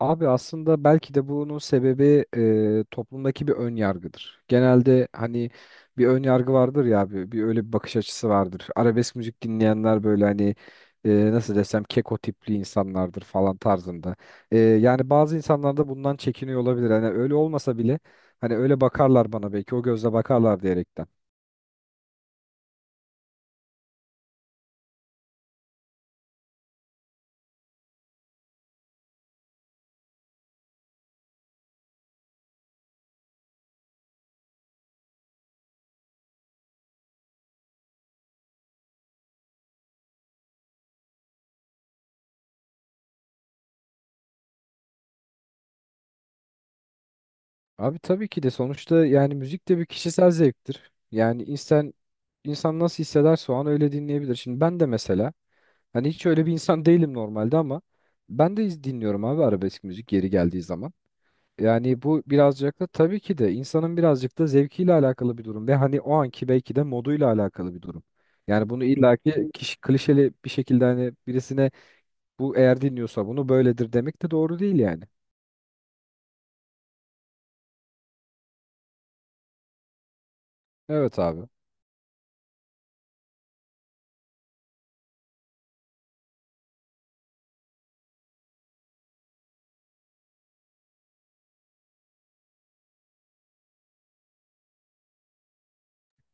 Abi aslında belki de bunun sebebi toplumdaki bir ön yargıdır. Genelde hani bir ön yargı vardır ya abi, bir öyle bir bakış açısı vardır. Arabesk müzik dinleyenler böyle hani nasıl desem keko tipli insanlardır falan tarzında. Yani bazı insanlar da bundan çekiniyor olabilir. Hani öyle olmasa bile hani öyle bakarlar bana belki o gözle bakarlar diyerekten. Abi tabii ki de sonuçta yani müzik de bir kişisel zevktir. Yani insan nasıl hissederse o an öyle dinleyebilir. Şimdi ben de mesela hani hiç öyle bir insan değilim normalde ama ben de dinliyorum abi arabesk müzik yeri geldiği zaman. Yani bu birazcık da tabii ki de insanın birazcık da zevkiyle alakalı bir durum ve hani o anki belki de moduyla alakalı bir durum. Yani bunu illaki kişi klişeli bir şekilde hani birisine bu eğer dinliyorsa bunu böyledir demek de doğru değil yani. Evet abi.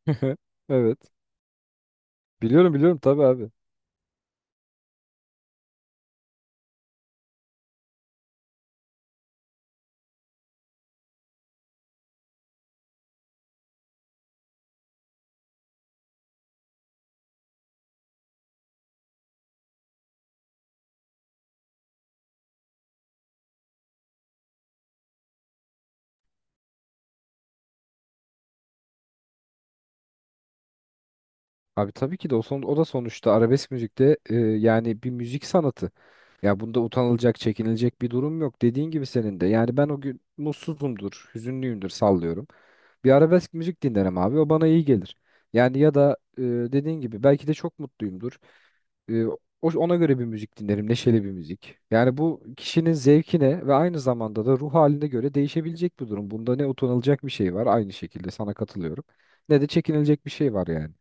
Evet. Biliyorum biliyorum tabii abi. Abi tabii ki de o da sonuçta arabesk müzikte yani bir müzik sanatı. Ya bunda utanılacak, çekinilecek bir durum yok. Dediğin gibi senin de. Yani ben o gün mutsuzumdur, hüzünlüyümdür sallıyorum. Bir arabesk müzik dinlerim abi. O bana iyi gelir. Yani ya da dediğin gibi belki de çok mutluyumdur. E, ona göre bir müzik dinlerim. Neşeli bir müzik. Yani bu kişinin zevkine ve aynı zamanda da ruh haline göre değişebilecek bir durum. Bunda ne utanılacak bir şey var, aynı şekilde sana katılıyorum. Ne de çekinilecek bir şey var yani.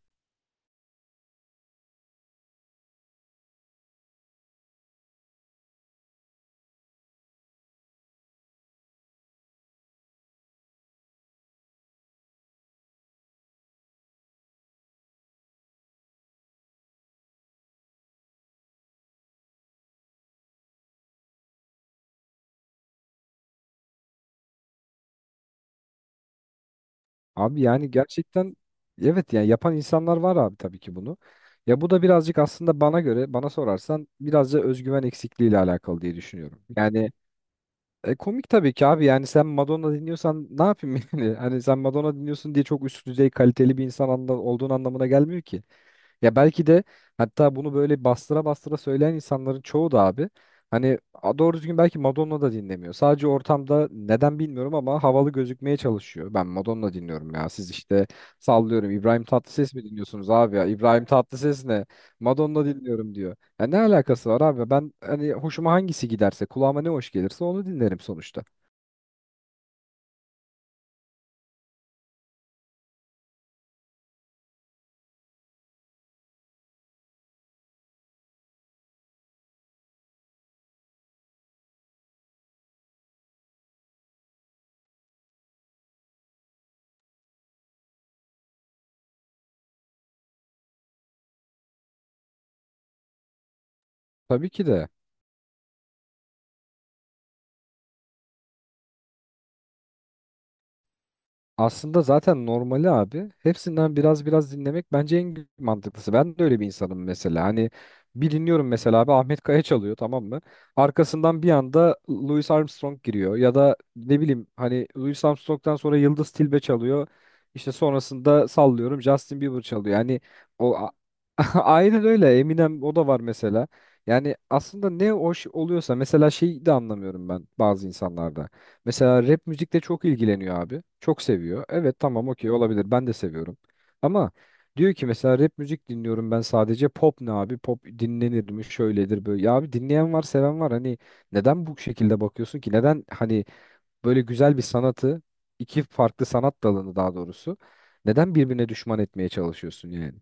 Abi yani gerçekten evet yani yapan insanlar var abi tabii ki bunu. Ya bu da birazcık aslında bana göre, bana sorarsan birazcık da özgüven eksikliğiyle alakalı diye düşünüyorum. Yani komik tabii ki abi, yani sen Madonna dinliyorsan ne yapayım yani? Hani sen Madonna dinliyorsun diye çok üst düzey kaliteli bir insan olduğun anlamına gelmiyor ki. Ya belki de hatta bunu böyle bastıra bastıra söyleyen insanların çoğu da abi hani doğru düzgün belki Madonna da dinlemiyor. Sadece ortamda neden bilmiyorum ama havalı gözükmeye çalışıyor. Ben Madonna dinliyorum ya, siz işte sallıyorum İbrahim Tatlıses mi dinliyorsunuz abi ya? İbrahim Tatlıses ne? Madonna dinliyorum diyor. Ya ne alakası var abi? Ben hani hoşuma hangisi giderse, kulağıma ne hoş gelirse onu dinlerim sonuçta. Tabii ki de aslında zaten normali abi. Hepsinden biraz biraz dinlemek bence en mantıklısı. Ben de öyle bir insanım mesela. Hani bir dinliyorum mesela abi, Ahmet Kaya çalıyor tamam mı? Arkasından bir anda Louis Armstrong giriyor. Ya da ne bileyim hani Louis Armstrong'dan sonra Yıldız Tilbe çalıyor. İşte sonrasında sallıyorum Justin Bieber çalıyor. Yani o a- aynen öyle, Eminem o da var mesela. Yani aslında ne hoş oluyorsa, mesela şeyi de anlamıyorum ben bazı insanlarda. Mesela rap müzikle çok ilgileniyor abi. Çok seviyor. Evet tamam, okey, olabilir. Ben de seviyorum. Ama diyor ki mesela rap müzik dinliyorum ben sadece. Pop ne abi? Pop dinlenir mi? Şöyledir böyle. Ya abi dinleyen var, seven var. Hani neden bu şekilde bakıyorsun ki? Neden hani böyle güzel bir sanatı, iki farklı sanat dalını daha doğrusu, neden birbirine düşman etmeye çalışıyorsun yani?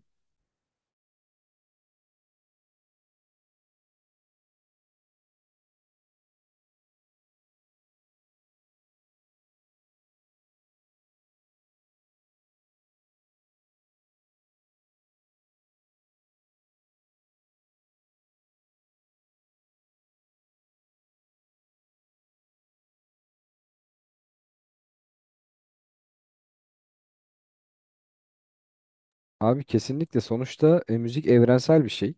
Abi kesinlikle, sonuçta müzik evrensel bir şey.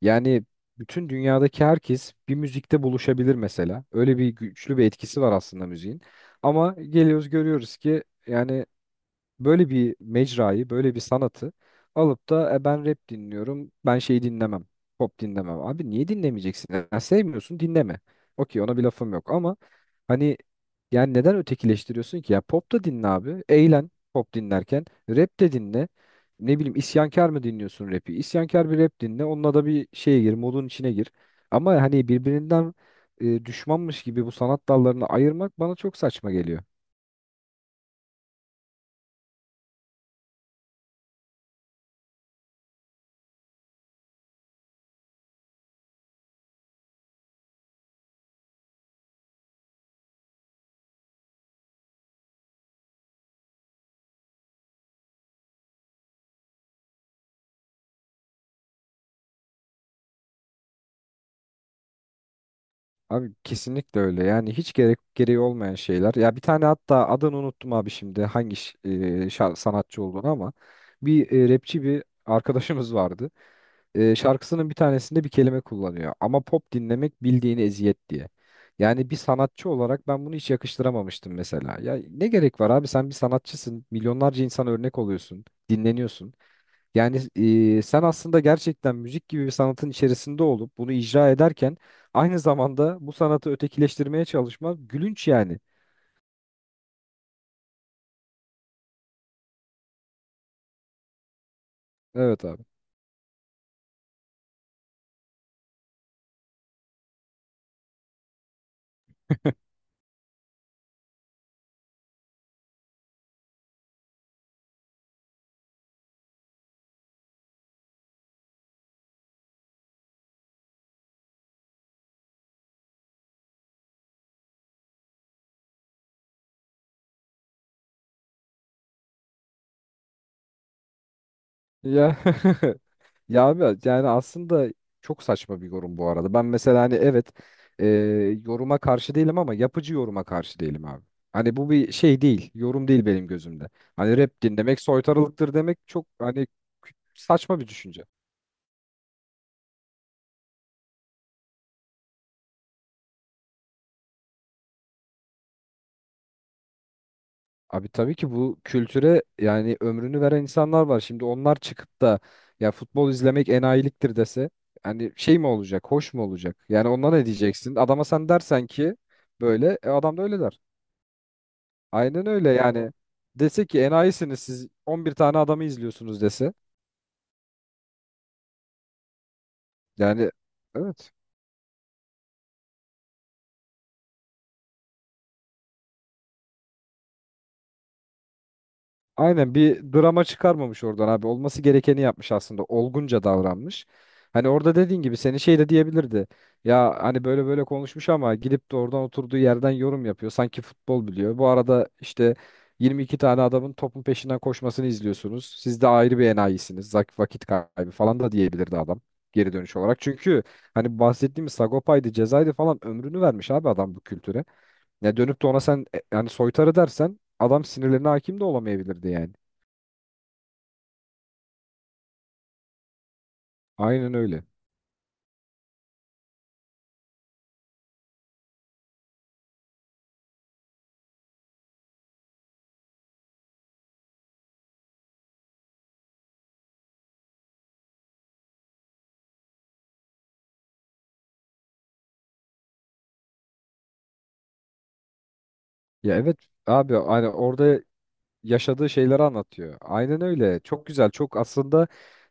Yani bütün dünyadaki herkes bir müzikte buluşabilir mesela. Öyle bir güçlü bir etkisi var aslında müziğin. Ama geliyoruz görüyoruz ki yani böyle bir mecrayı, böyle bir sanatı alıp da "Ben rap dinliyorum, ben şey dinlemem, pop dinlemem. Abi niye dinlemeyeceksin? Ya, sevmiyorsun dinleme." Okey, ona bir lafım yok ama hani yani neden ötekileştiriyorsun ki? Ya pop da dinle abi. Eğlen pop dinlerken. Rap de dinle. Ne bileyim, isyankar mı dinliyorsun rapi? İsyankar bir rap dinle. Onunla da bir şeye gir, modun içine gir. Ama hani birbirinden düşmanmış gibi bu sanat dallarını ayırmak bana çok saçma geliyor. Abi kesinlikle öyle. Yani hiç gerek gereği olmayan şeyler. Ya bir tane, hatta adını unuttum abi şimdi hangi sanatçı olduğunu ama bir rapçi bir arkadaşımız vardı. Şarkısının bir tanesinde bir kelime kullanıyor. Ama pop dinlemek bildiğini eziyet diye. Yani bir sanatçı olarak ben bunu hiç yakıştıramamıştım mesela. Ya ne gerek var abi, sen bir sanatçısın. Milyonlarca insana örnek oluyorsun. Dinleniyorsun. Yani sen aslında gerçekten müzik gibi bir sanatın içerisinde olup bunu icra ederken aynı zamanda bu sanatı ötekileştirmeye çalışma gülünç yani. Evet abi. Ya ya abi, yani aslında çok saçma bir yorum bu arada. Ben mesela hani evet, e, yoruma karşı değilim ama yapıcı yoruma karşı değilim abi. Hani bu bir şey değil, yorum değil benim gözümde. Hani rap dinlemek soytarılıktır demek çok hani saçma bir düşünce. Abi tabii ki bu kültüre yani ömrünü veren insanlar var. Şimdi onlar çıkıp da "Ya futbol izlemek enayiliktir" dese, hani şey mi olacak, hoş mu olacak? Yani ona ne diyeceksin? Adama sen dersen ki, böyle adam da öyle der. Aynen öyle yani. Dese ki "Enayisiniz siz, 11 tane adamı izliyorsunuz" dese. Yani evet. Aynen, bir drama çıkarmamış oradan abi. Olması gerekeni yapmış aslında. Olgunca davranmış. Hani orada dediğin gibi seni şey de diyebilirdi. Ya hani böyle böyle konuşmuş ama gidip de oradan oturduğu yerden yorum yapıyor. Sanki futbol biliyor. Bu arada işte 22 tane adamın topun peşinden koşmasını izliyorsunuz. Siz de ayrı bir enayisiniz. Vakit kaybı falan da diyebilirdi adam geri dönüş olarak. Çünkü hani bahsettiğimiz Sagopa'ydı, Ceza'ydı falan, ömrünü vermiş abi adam bu kültüre. Ya dönüp de ona sen yani soytarı dersen, adam sinirlerine hakim de olamayabilirdi yani. Aynen öyle. Ya evet abi, hani orada yaşadığı şeyleri anlatıyor. Aynen öyle. Çok güzel. Çok aslında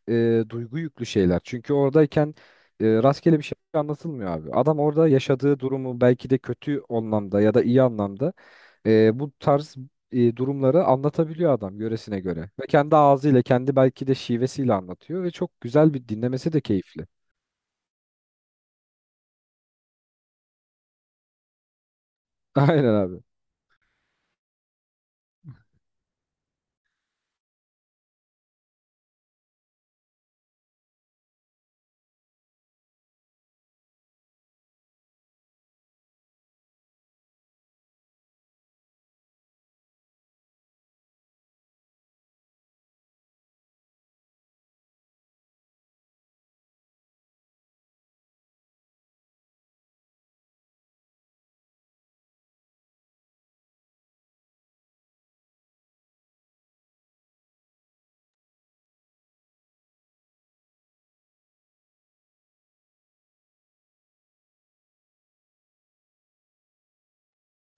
duygu yüklü şeyler. Çünkü oradayken rastgele bir şey anlatılmıyor abi. Adam orada yaşadığı durumu belki de kötü anlamda ya da iyi anlamda bu tarz durumları anlatabiliyor adam göresine göre. Ve kendi ağzıyla, kendi belki de şivesiyle anlatıyor ve çok güzel, bir dinlemesi de keyifli. Aynen abi.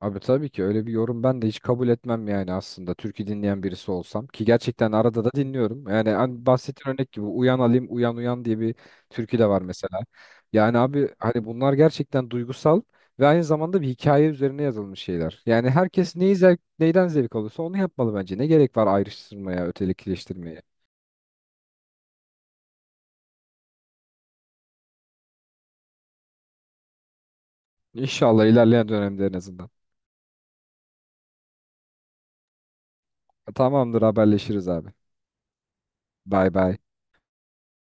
Abi tabii ki öyle bir yorum ben de hiç kabul etmem yani, aslında türkü dinleyen birisi olsam ki gerçekten arada da dinliyorum. Yani hani bahsettiğin örnek gibi Uyan Alim Uyan Uyan diye bir türkü de var mesela. Yani abi hani bunlar gerçekten duygusal ve aynı zamanda bir hikaye üzerine yazılmış şeyler. Yani herkes neyi zevk, neyden zevk alıyorsa onu yapmalı bence. Ne gerek var ayrıştırmaya, ötekileştirmeye? İnşallah ilerleyen dönemde en azından. Tamamdır, haberleşiriz abi. Bay bay.